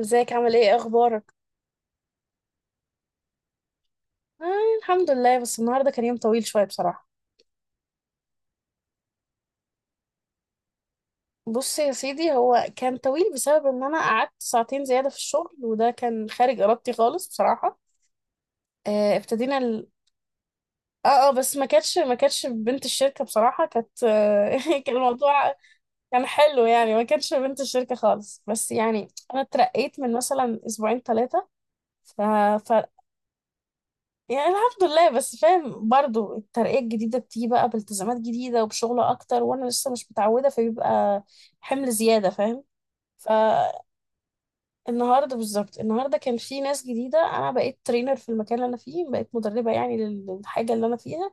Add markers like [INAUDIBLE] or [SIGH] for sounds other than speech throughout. ازيك عامل ايه اخبارك؟ آه. الحمد لله، بس النهارده كان يوم طويل شويه بصراحه. بص يا سيدي، هو كان طويل بسبب ان انا قعدت ساعتين زياده في الشغل، وده كان خارج ارادتي خالص بصراحه. ابتدينا اه، بس ما كانتش بنت الشركه بصراحه، كانت [LAUGHS] كان الموضوع كان حلو يعني، ما كانتش بنت الشركه خالص بس يعني. انا اترقيت من مثلا اسبوعين، ثلاثه. يعني الحمد لله، بس فاهم برضو الترقية الجديدة بتيجي بقى بالتزامات جديدة وبشغل أكتر، وأنا لسه مش متعودة، فبيبقى حمل زيادة فاهم. فالنهاردة، بالظبط النهاردة كان في ناس جديدة، أنا بقيت ترينر في المكان اللي أنا فيه، بقيت مدربة يعني للحاجة اللي أنا فيها.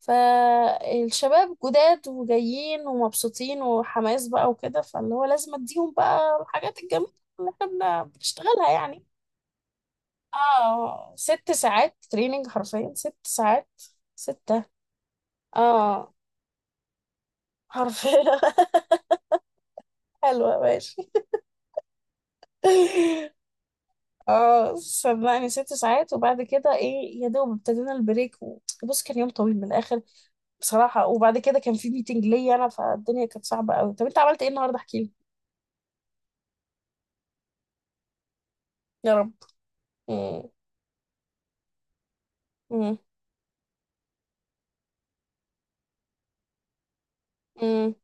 فالشباب جداد وجايين ومبسوطين وحماس بقى وكده، فاللي هو لازم أديهم بقى الحاجات الجميلة اللي احنا بنشتغلها يعني. اه ست ساعات تريننج، حرفيا ست ساعات. ست. اه، حرفيا [LAUGHS] حلوة، ماشي. اه صدقني، ست ساعات، وبعد كده ايه يا دوب ابتدينا البريك بص كان يوم طويل من الاخر بصراحة. وبعد كده كان في ميتنج ليا انا، فالدنيا كانت صعبة قوي. طب انت عملت ايه النهاردة؟ احكي لي. يا رب. امم. امم. امم.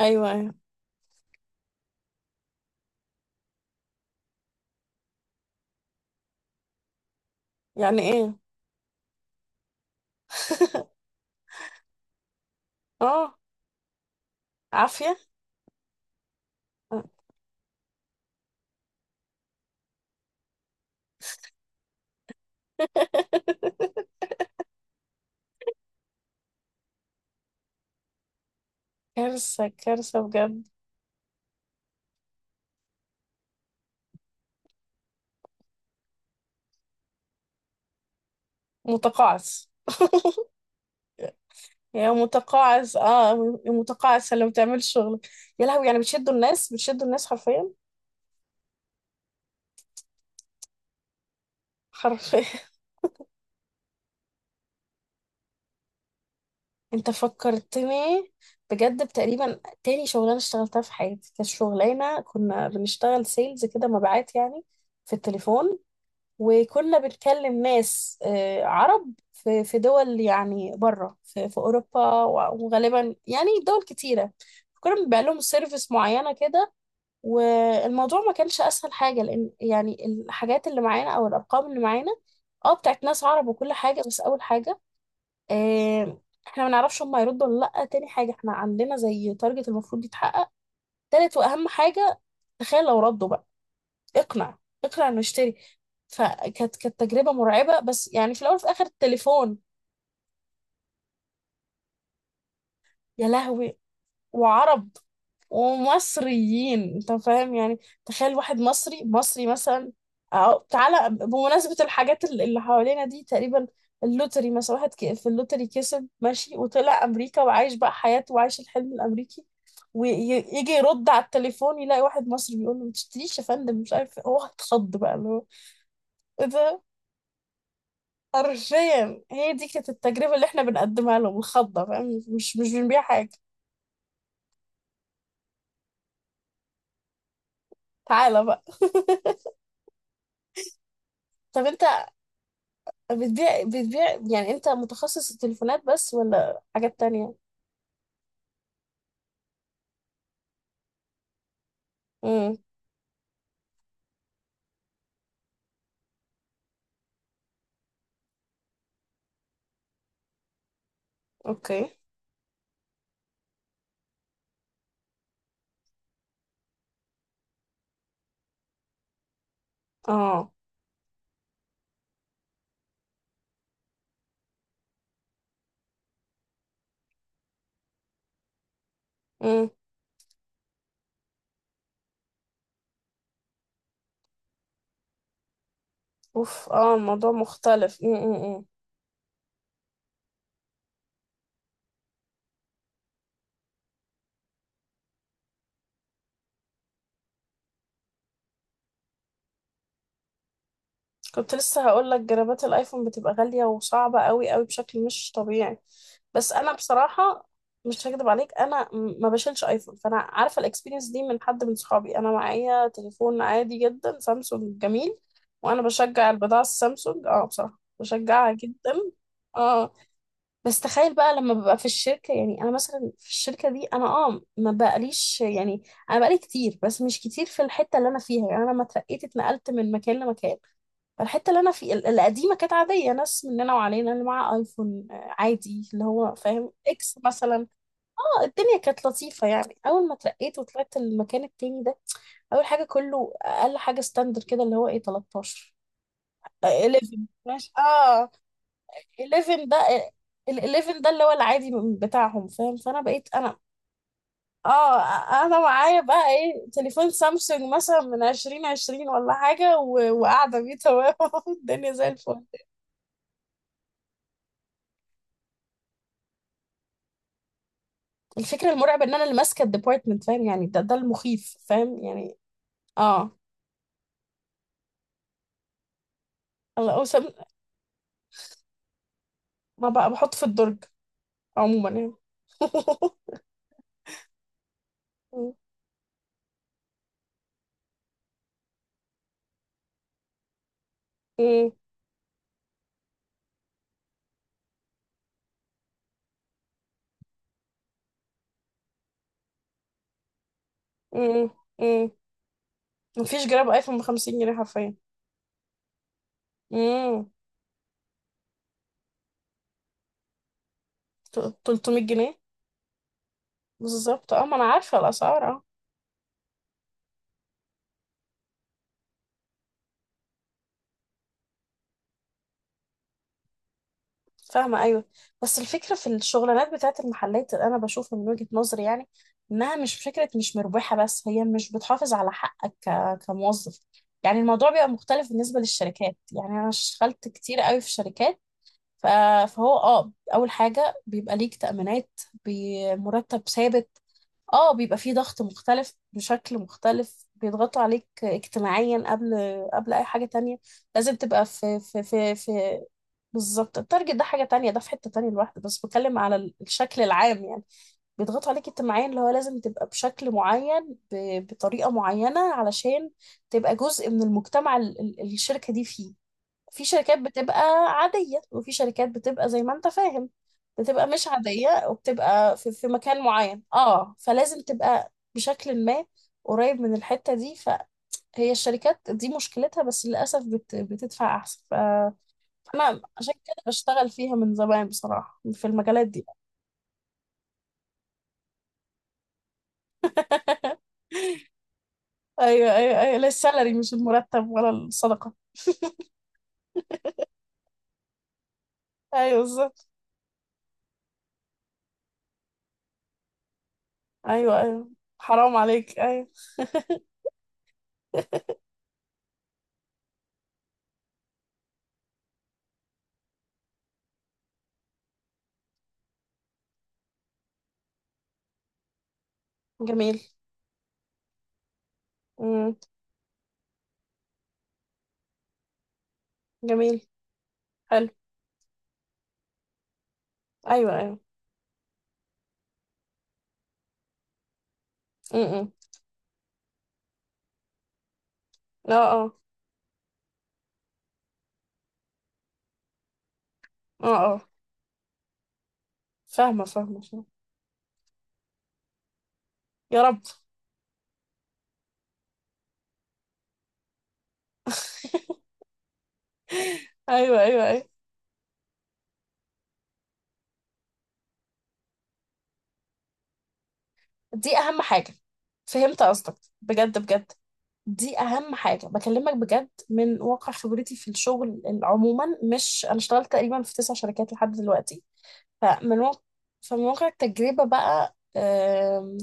ايوه، ايوه. يعني ايه؟ [LAUGHS] اه. عافية. [LAUGHS] كارثة، كارثة بجد. متقاعس، يا متقاعس. اه يا متقاعس اللي ما بتعملش شغلك. يا لهوي، يعني بتشدوا الناس، بتشدوا الناس حرفيا. حرفيا [LAUGHS] انت فكرتني بجد، بتقريبا تاني شغلانه اشتغلتها في حياتي كانت شغلانه كنا بنشتغل سيلز كده، مبيعات يعني، في التليفون. وكنا بنكلم ناس عرب، في دول، يعني بره في اوروبا وغالبا يعني دول كتيره. كنا بنبيع لهم سيرفيس معينه كده. والموضوع ما كانش اسهل حاجه، لان يعني الحاجات اللي معانا او الارقام اللي معانا اه بتاعت ناس عرب وكل حاجه. بس اول حاجه، احنا ما نعرفش هم هيردوا ولا لا. تاني حاجه، احنا عندنا زي تارجت المفروض يتحقق. تالت واهم حاجه، تخيل لو ردوا بقى، اقنع، اقنع انه يشتري. فكانت تجربه مرعبه، بس يعني في الاول وفي الاخر التليفون. يا لهوي. وعرب ومصريين، انت فاهم يعني. تخيل واحد مصري، مصري مثلا، أو تعالى بمناسبة الحاجات اللي حوالينا دي تقريبا. اللوتري مثلا، واحد في اللوتري كسب، ماشي وطلع أمريكا وعايش بقى حياته وعايش الحلم الأمريكي، ويجي يرد على التليفون يلاقي واحد مصري بيقول له ما تشتريش يا فندم، مش عارف إيه. هو اتخض بقى اللي هو ايه ده. حرفيا هي دي كانت التجربة اللي احنا بنقدمها لهم، الخضة فاهم، مش بنبيع حاجة. تعالى بقى [LAUGHS] طب انت بتبيع يعني، انت متخصص تليفونات بس، ولا حاجات تانية؟ امم. اوكي. اه. امم. اوف، اه الموضوع مختلف. امم. كنت لسه هقول لك، جرابات الايفون بتبقى غالية وصعبة قوي قوي، بشكل مش طبيعي. بس انا بصراحة مش هكدب عليك، انا ما بشيلش ايفون، فانا عارفة الاكسبيرينس دي من حد من صحابي. انا معايا تليفون عادي جدا، سامسونج جميل. وانا بشجع البضاعة السامسونج، اه بصراحة بشجعها جدا. اه. بس تخيل بقى لما ببقى في الشركة، يعني أنا مثلا في الشركة دي، أنا أه ما بقاليش يعني، أنا بقالي كتير بس مش كتير في الحتة اللي أنا فيها. يعني أنا لما اترقيت اتنقلت من مكان لمكان. فالحتة اللي أنا في القديمة كانت عادية، ناس مننا وعلينا، اللي معاه أيفون عادي، اللي هو فاهم إكس مثلا. أه الدنيا كانت لطيفة يعني. أول ما اترقيت وطلعت المكان التاني ده، أول حاجة كله أقل حاجة ستاندر كده اللي هو إيه، 13. 11، ماشي اه. 11 ده، ال 11 ده اللي هو العادي بتاعهم فاهم. فانا بقيت انا، اه انا معايا بقى ايه تليفون سامسونج مثلا من 2020 ولا حاجه، وقاعده بيه تمام [LAUGHS] الدنيا زي الفل. الفكره المرعبه ان انا اللي ماسكه الديبارتمنت فاهم يعني، ده المخيف فاهم يعني. اه. الله، اوسم. ما بقى بحط في الدرج عموما يعني [LAUGHS] مم. مم. مم. مفيش جراب ايفون ب 50 جنيه حرفيا. مم. 300 جنيه بالظبط، اه ما انا عارفه الاسعار اه. فاهمة، أيوة. بس الفكرة في الشغلانات بتاعت المحلات، أنا بشوف من وجهة نظري يعني إنها مش فكرة، مش مربحة، بس هي مش بتحافظ على حقك كموظف. يعني الموضوع بيبقى مختلف بالنسبة للشركات. يعني أنا اشتغلت كتير قوي في شركات. ف... فهو اه أول حاجة بيبقى ليك تأمينات، بمرتب ثابت، اه بيبقى فيه ضغط مختلف، بشكل مختلف بيضغطوا عليك اجتماعيا قبل، قبل اي حاجة تانية. لازم تبقى في. بالظبط، التارجت ده حاجة تانية، ده في حتة تانية لوحده، بس بتكلم على الشكل العام يعني. بيضغطوا عليك اجتماعيا، اللي هو لازم تبقى بشكل معين، بطريقة معينة علشان تبقى جزء من المجتمع الشركة دي فيه. في شركات بتبقى عادية، وفي شركات بتبقى زي ما انت فاهم، بتبقى مش عادية، وبتبقى في مكان معين اه، فلازم تبقى بشكل ما قريب من الحتة دي. فهي الشركات دي مشكلتها، بس للأسف بت بتدفع أحسن، فأنا عشان كده بشتغل فيها من زمان بصراحة في المجالات دي. [LAUGHS] أيوه، لا السالري مش المرتب ولا الصدقة. أيوه بالظبط. أيوه، أيوه حرام عليك، أيوه. [LAUGHS] جميل. مم. جميل، حلو. ايوه، ايوه. امم، إمم. اه، اه، اه، اه. فاهمه، فاهمه، فاهمه. يا رب [LAUGHS] ايوه، ايوه، ايوه. دي اهم حاجه. فهمت قصدك. بجد، بجد. دي اهم حاجه بكلمك بجد، من واقع خبرتي في الشغل عموما. مش، انا اشتغلت تقريبا في تسع شركات لحد دلوقتي. فمن واقع فمن واقع التجربه بقى،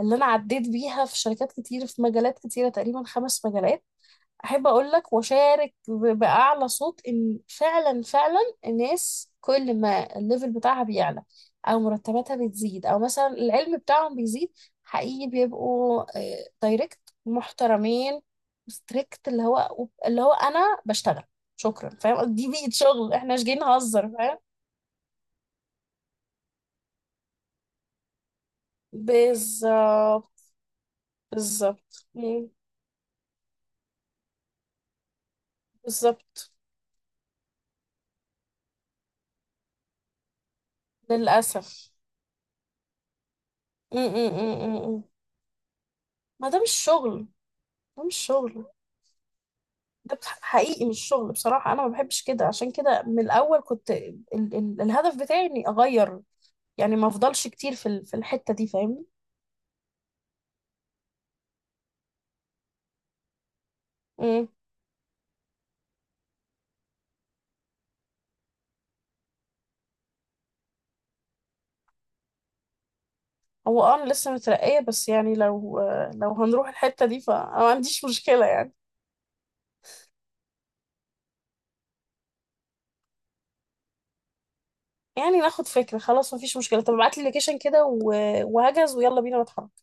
اللي انا عديت بيها في شركات كتير في مجالات كتيره، تقريبا خمس مجالات. احب اقول لك واشارك باعلى صوت ان فعلا، فعلا، الناس كل ما الليفل بتاعها بيعلى، او مرتباتها بتزيد، او مثلا العلم بتاعهم بيزيد، حقيقي بيبقوا دايركت، محترمين، ستريكت. اللي هو انا بشتغل، شكرا فاهم، دي بيئة شغل، احنا مش جايين نهزر فاهم. بالظبط. بالظبط. مم. بالظبط. للاسف. م- م- م- م- م. ما ده مش شغل. ده مش شغل. ده حقيقي مش شغل بصراحة. أنا ما بحبش كده، عشان كده من الأول كنت ال الهدف بتاعي إني أغير، يعني ما أفضلش كتير في في الحتة دي، فاهمني؟ مم. هو أه أنا لسه مترقية، بس يعني لو لو هنروح الحتة دي فأنا ما عنديش مشكلة يعني. يعني ناخد فكرة، خلاص ما فيش مشكلة، طب ابعتلي اللوكيشن كده وهجز ويلا بينا نتحرك.